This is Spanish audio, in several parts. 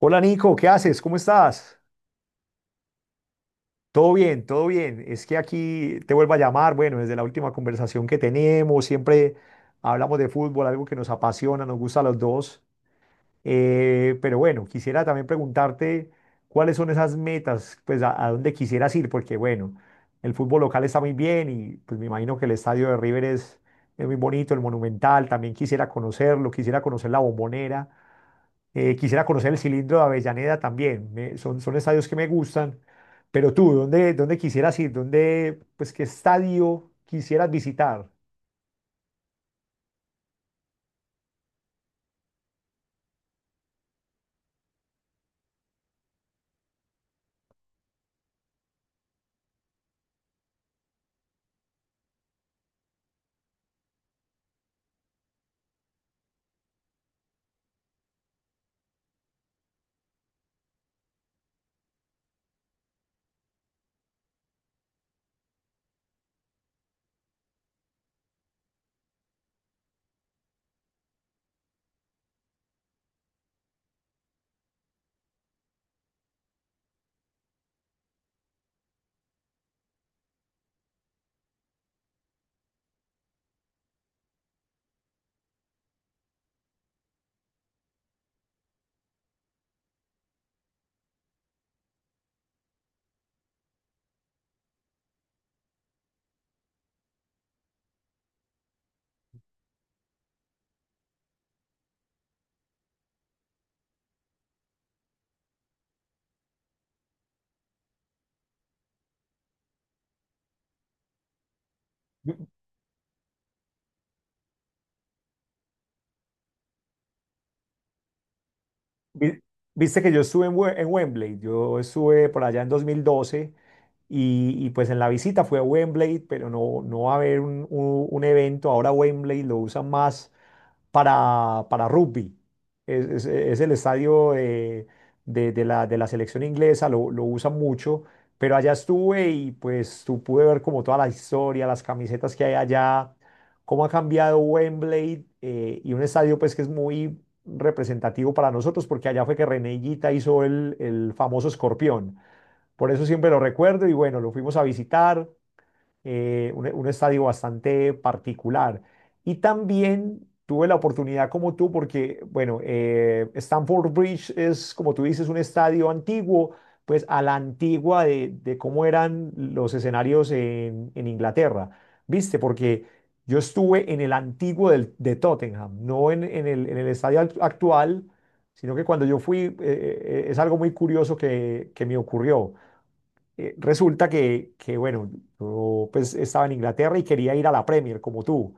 Hola Nico, ¿qué haces? ¿Cómo estás? Todo bien, todo bien. Es que aquí te vuelvo a llamar, bueno, desde la última conversación que tenemos, siempre hablamos de fútbol, algo que nos apasiona, nos gusta a los dos. Pero bueno, quisiera también preguntarte cuáles son esas metas, pues a dónde quisieras ir, porque bueno, el fútbol local está muy bien y pues me imagino que el estadio de River es muy bonito, el Monumental, también quisiera conocerlo, quisiera conocer la Bombonera. Quisiera conocer el cilindro de Avellaneda también. Son estadios que me gustan. Pero tú, ¿ dónde quisieras ir? ¿Dónde, pues, qué estadio quisieras visitar? Vi- vi- Viste que yo estuve en Wembley. Yo estuve por allá en 2012 pues en la visita fue a Wembley, pero no va a haber un evento. Ahora Wembley lo usan más para rugby. Es el estadio de la selección inglesa, lo usan mucho, pero allá estuve y pues tú pude ver como toda la historia, las camisetas que hay allá, cómo ha cambiado Wembley y un estadio pues que es muy representativo para nosotros porque allá fue que René Higuita hizo el famoso escorpión. Por eso siempre lo recuerdo y bueno, lo fuimos a visitar, un estadio bastante particular. Y también tuve la oportunidad como tú, porque, bueno, Stamford Bridge es, como tú dices, un estadio antiguo, pues a la antigua de cómo eran los escenarios en Inglaterra, ¿viste? Porque yo estuve en el antiguo de Tottenham, no en el estadio actual, sino que cuando yo fui, es algo muy curioso que me ocurrió, resulta que, bueno, yo pues estaba en Inglaterra y quería ir a la Premier como tú,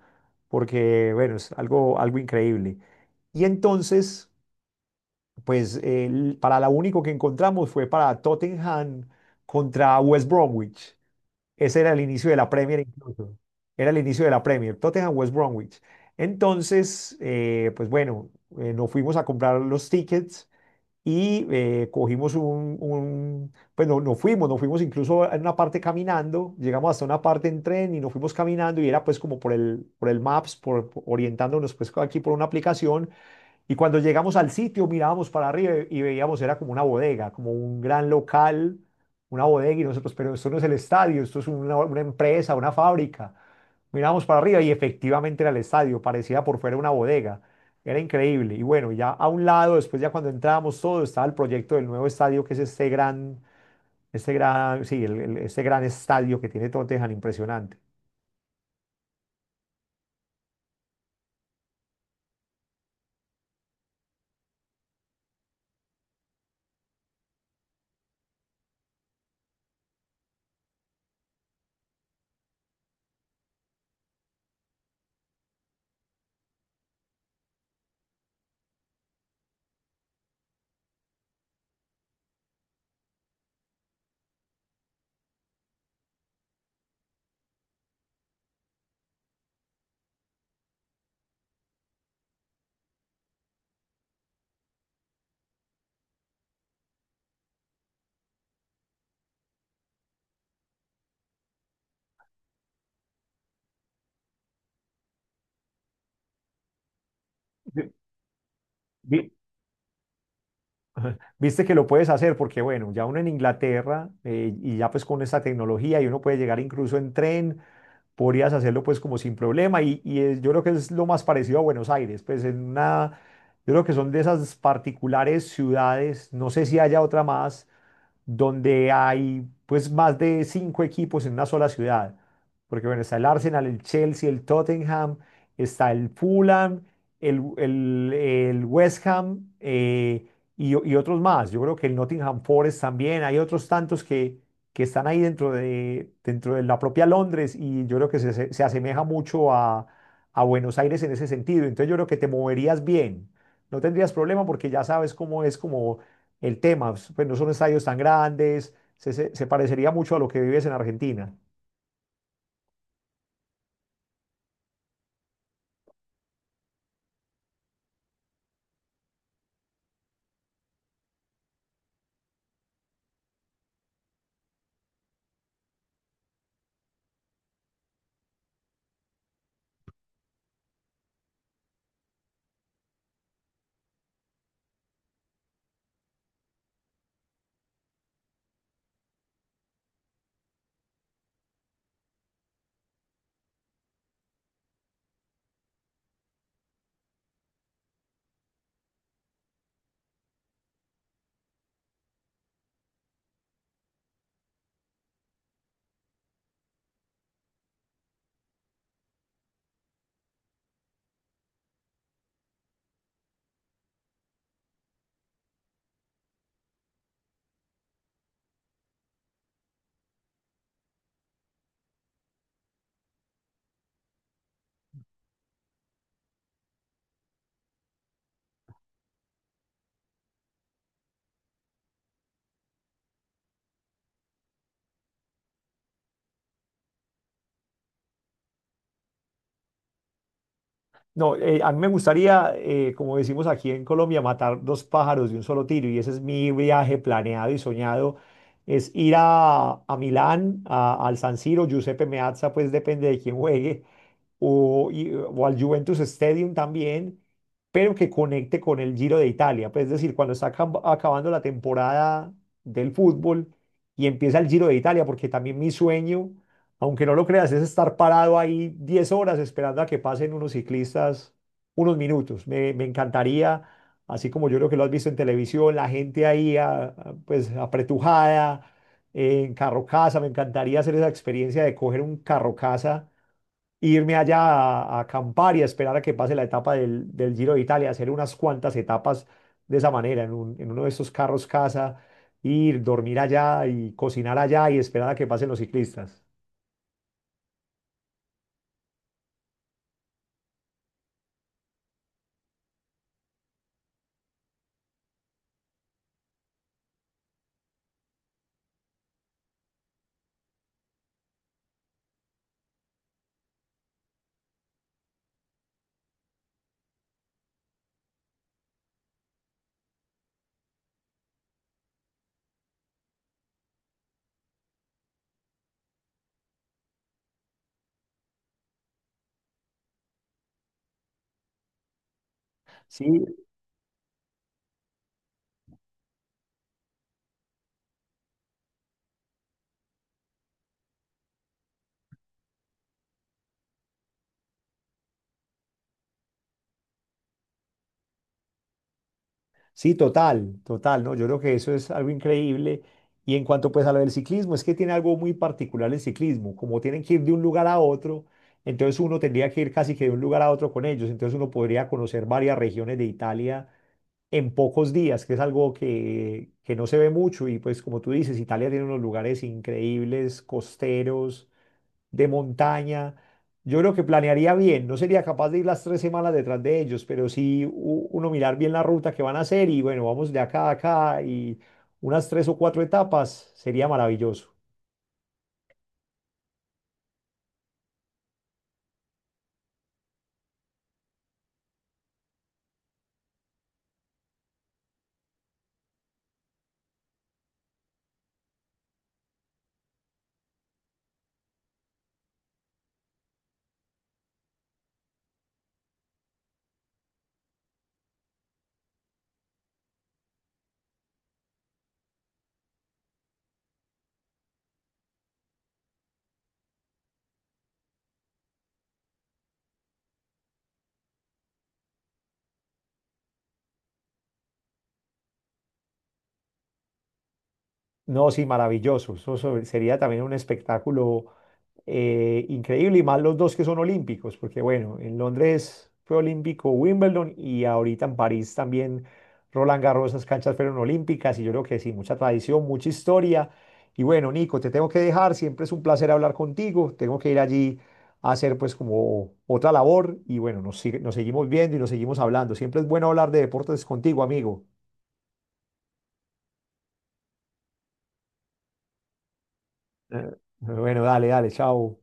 porque, bueno, es algo, algo increíble. Y entonces, pues eh, para la único que encontramos fue para Tottenham contra West Bromwich. Ese era el inicio de la Premier incluso. Era el inicio de la Premier, Tottenham West Bromwich. Entonces, bueno, nos fuimos a comprar los tickets y cogimos pues no, no fuimos, nos fuimos incluso en una parte caminando, llegamos hasta una parte en tren y nos fuimos caminando y era pues como por el Maps, orientándonos pues aquí por una aplicación. Y cuando llegamos al sitio, mirábamos para arriba y veíamos, era como una bodega, como un gran local, una bodega, y nosotros, pero esto no es el estadio, esto es una empresa, una fábrica. Mirábamos para arriba y efectivamente era el estadio, parecía por fuera una bodega. Era increíble. Y bueno, ya a un lado, después ya cuando entrábamos todo, estaba el proyecto del nuevo estadio, que es este gran, sí, el- este gran estadio que tiene Tottenham, impresionante. Vi- vi- Viste que lo puedes hacer porque, bueno, ya uno en Inglaterra, y ya pues con esta tecnología y uno puede llegar incluso en tren, podrías hacerlo pues como sin problema y yo creo que es lo más parecido a Buenos Aires, pues en una, yo creo que son de esas particulares ciudades, no sé si haya otra más donde hay pues más de 5 equipos en una sola ciudad. Porque bueno, está el Arsenal, el Chelsea, el Tottenham, está el Fulham, el West Ham, y otros más. Yo creo que el Nottingham Forest también. Hay otros tantos que están ahí dentro de la propia Londres y yo creo que se asemeja mucho a Buenos Aires en ese sentido. Entonces yo creo que te moverías bien. No tendrías problema porque ya sabes cómo es como el tema. Pues no son estadios tan grandes, se parecería mucho a lo que vives en Argentina. No, a mí me gustaría, como decimos aquí en Colombia, matar dos pájaros de un solo tiro y ese es mi viaje planeado y soñado, es ir a Milán, al San Siro, Giuseppe Meazza, pues depende de quién juegue, o al Juventus Stadium también, pero que conecte con el Giro de Italia. Pues, es decir, cuando está acabando la temporada del fútbol y empieza el Giro de Italia, porque también mi sueño, aunque no lo creas, es estar parado ahí 10 horas esperando a que pasen unos ciclistas unos minutos. Me encantaría, así como yo creo que lo has visto en televisión, la gente ahí pues apretujada. En carro casa, me encantaría hacer esa experiencia de coger un carro, irme allá a acampar y a esperar a que pase la etapa del Giro de Italia, hacer unas cuantas etapas de esa manera, en uno de esos carros casa, ir, dormir allá y cocinar allá y esperar a que pasen los ciclistas. Sí, sí, total, total, ¿no? Yo creo que eso es algo increíble. Y en cuanto pues a lo del ciclismo, es que tiene algo muy particular el ciclismo, como tienen que ir de un lugar a otro, entonces uno tendría que ir casi que de un lugar a otro con ellos, entonces uno podría conocer varias regiones de Italia en pocos días, que es algo que no se ve mucho. Y pues como tú dices, Italia tiene unos lugares increíbles, costeros, de montaña. Yo creo que planearía bien, no sería capaz de ir las 3 semanas detrás de ellos, pero sí uno mirar bien la ruta que van a hacer y bueno, vamos de acá a acá y unas tres o cuatro etapas sería maravilloso. No, sí, maravilloso. Eso sería también un espectáculo increíble y más los dos que son olímpicos, porque bueno, en Londres fue olímpico Wimbledon y ahorita en París también Roland Garros, esas canchas fueron olímpicas y yo creo que sí, mucha tradición, mucha historia. Y bueno, Nico, te tengo que dejar, siempre es un placer hablar contigo, tengo que ir allí a hacer pues como otra labor y bueno, nos seguimos viendo y nos seguimos hablando. Siempre es bueno hablar de deportes contigo, amigo. Eh, Bueno, dale, dale, chao.